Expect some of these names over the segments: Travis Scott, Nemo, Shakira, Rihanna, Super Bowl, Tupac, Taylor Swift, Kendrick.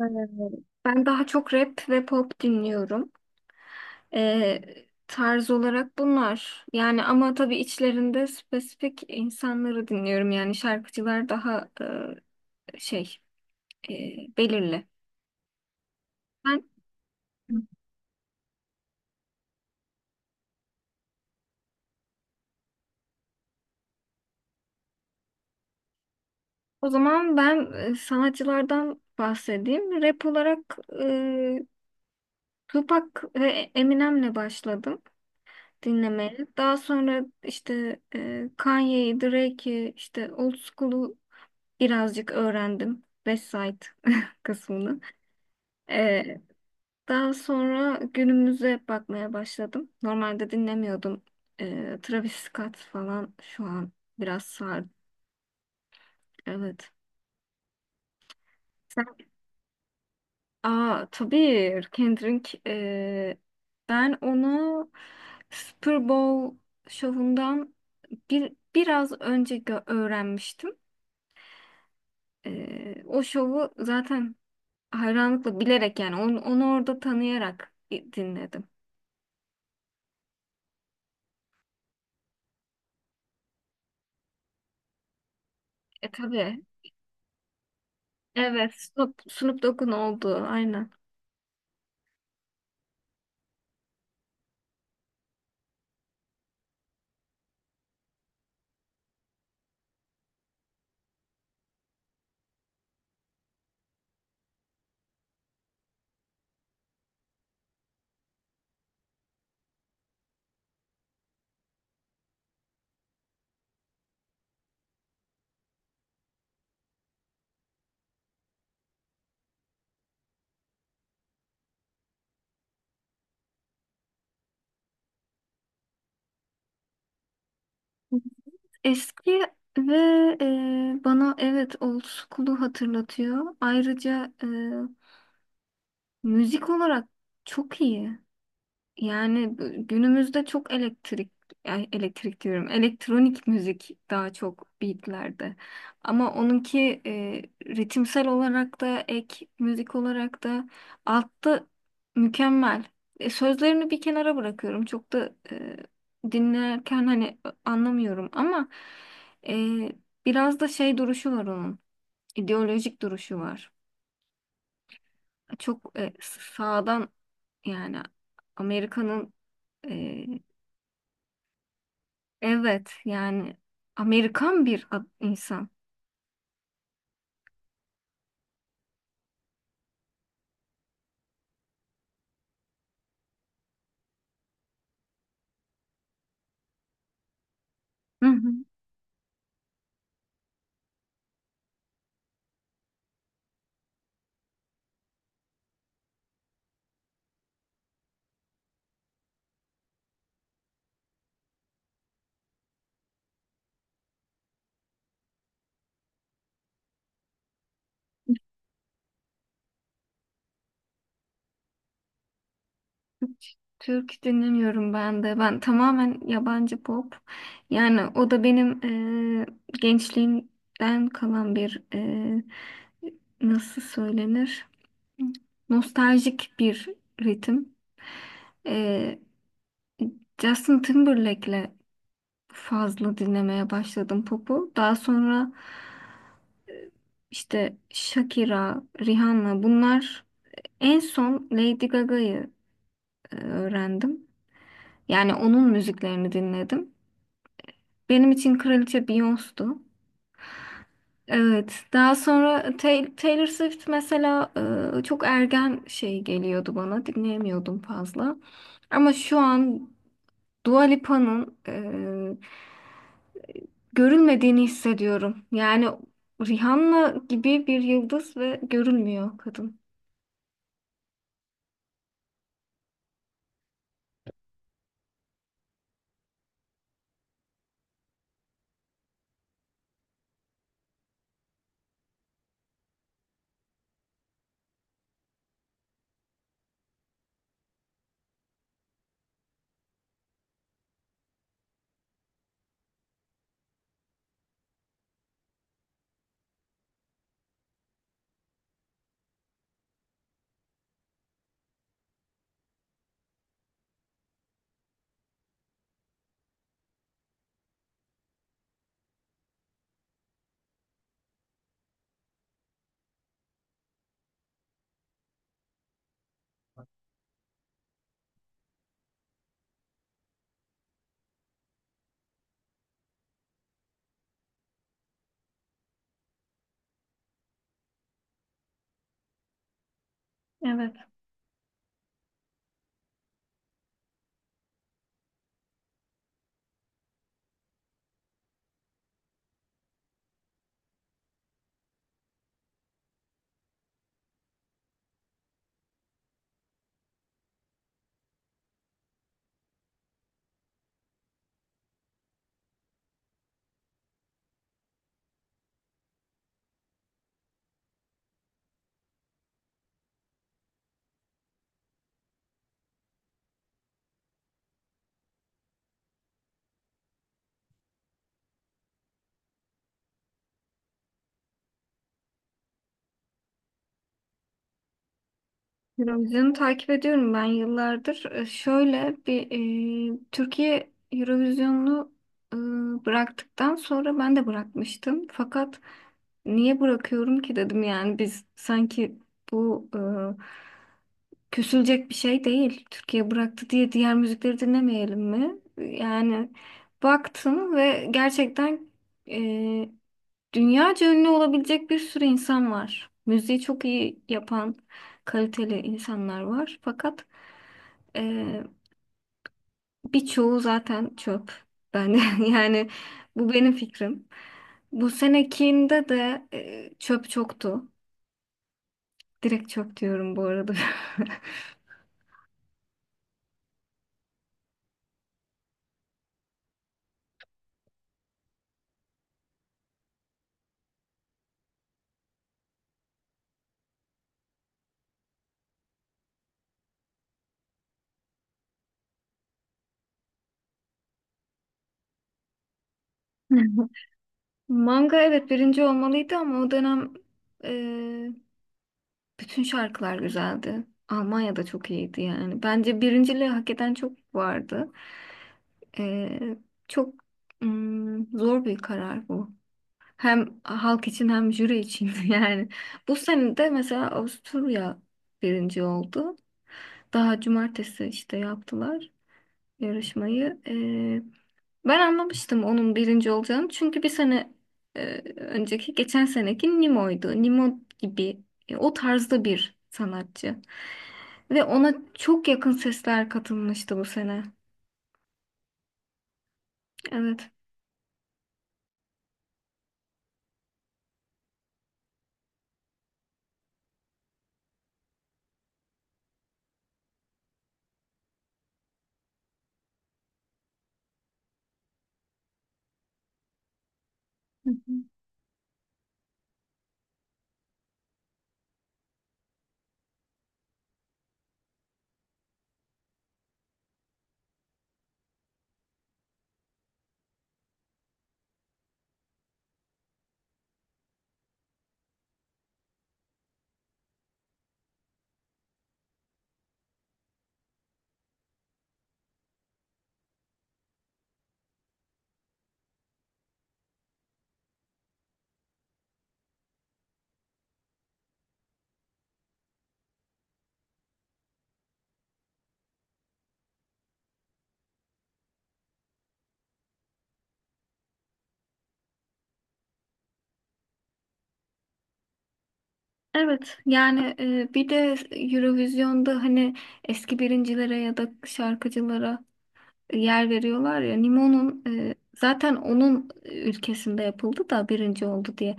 Ee, Ben daha çok rap ve pop dinliyorum. Ee, tarz olarak bunlar. Yani ama tabii içlerinde spesifik insanları dinliyorum. Yani şarkıcılar daha e, şey e, belirli. Ben, O zaman ben sanatçılardan bahsedeyim. Rap olarak Tupac ve Eminem'le başladım dinlemeye. Daha sonra işte Kanye'yi, Drake'i, işte Old School'u birazcık öğrendim. Website kısmını. Ee, daha sonra günümüze bakmaya başladım. Normalde dinlemiyordum. Travis Scott falan şu an biraz sardı. Evet. Sen... Aa tabii Kendrick. Ben onu Super Bowl şovundan biraz önce öğrenmiştim. O şovu zaten hayranlıkla bilerek yani onu orada tanıyarak dinledim. E tabii. Evet. Snoop Dogg'un olduğu. Aynen. Eski ve bana evet old school'u hatırlatıyor. Ayrıca müzik olarak çok iyi. Yani günümüzde çok elektrik, ay, elektrik diyorum, elektronik müzik daha çok beatlerde. Ama onunki ritimsel olarak da ek müzik olarak da altta mükemmel. E, sözlerini bir kenara bırakıyorum. Çok da dinlerken hani anlamıyorum ama e, biraz da şey duruşu var onun. İdeolojik duruşu var. Çok sağdan yani Amerika'nın, e, Evet yani Amerikan bir insan. Hı hı. Hiç Türk dinlemiyorum ben de. Ben tamamen yabancı pop. Yani o da benim gençliğimden kalan bir nasıl söylenir? Nostaljik bir ritim. Eee Justin Timberlake'le fazla dinlemeye başladım popu. Daha sonra işte Shakira, Rihanna bunlar. En son Lady Gaga'yı öğrendim. Yani onun müziklerini dinledim. Benim için kraliçe Beyoncé'du. Evet. Daha sonra Taylor Swift mesela çok ergen şey geliyordu bana. Dinleyemiyordum fazla. Ama şu an Dua Lipa'nın görülmediğini hissediyorum. Yani Rihanna gibi bir yıldız ve görülmüyor kadın. Evet. Eurovision'u takip ediyorum ben yıllardır. Şöyle bir Türkiye Eurovision'u e, bıraktıktan sonra ben de bırakmıştım. Fakat niye bırakıyorum ki dedim, yani biz sanki bu küsülecek bir şey değil. Türkiye bıraktı diye diğer müzikleri dinlemeyelim mi? Yani baktım ve gerçekten e, Dünyaca ünlü olabilecek bir sürü insan var. Müziği çok iyi yapan kaliteli insanlar var. Fakat eee birçoğu zaten çöp. Ben yani bu benim fikrim. Bu senekinde de çöp çoktu. Direkt çöp diyorum bu arada. Manga evet birinci olmalıydı ama o dönem bütün şarkılar güzeldi. Almanya'da çok iyiydi yani. Bence birinciliği hak eden çok vardı. Ee, çok zor bir karar bu. Hem halk için hem jüri için yani. Bu sene de mesela Avusturya birinci oldu. Daha cumartesi işte yaptılar yarışmayı. Ben anlamıştım onun birinci olacağını. Çünkü bir sene e, önceki, geçen seneki Nemo'ydu. Nemo gibi o tarzda bir sanatçı. Ve ona çok yakın sesler katılmıştı bu sene. Evet. Hı hı. Evet yani bir de Eurovision'da hani eski birincilere ya da şarkıcılara yer veriyorlar ya, Nimo'nun zaten onun ülkesinde yapıldı da birinci oldu diye.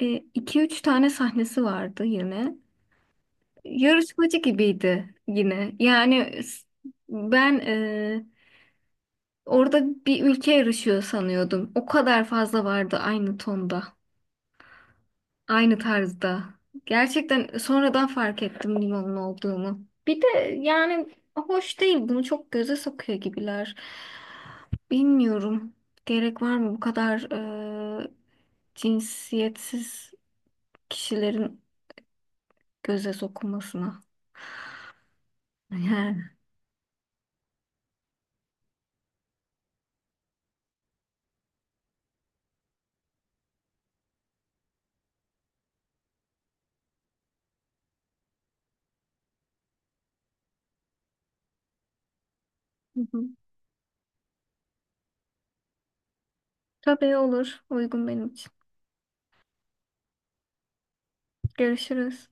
E, iki üç tane sahnesi vardı yine. Yarışmacı gibiydi yine. Yani ben orada bir ülke yarışıyor sanıyordum. O kadar fazla vardı aynı tonda. Aynı tarzda. Gerçekten sonradan fark ettim limonun olduğunu. Bir de yani hoş değil. Bunu çok göze sokuyor gibiler. Bilmiyorum. Gerek var mı bu kadar e, cinsiyetsiz kişilerin göze sokulmasına? Yani. Hı hı. Tabii olur. Uygun benim için. Görüşürüz.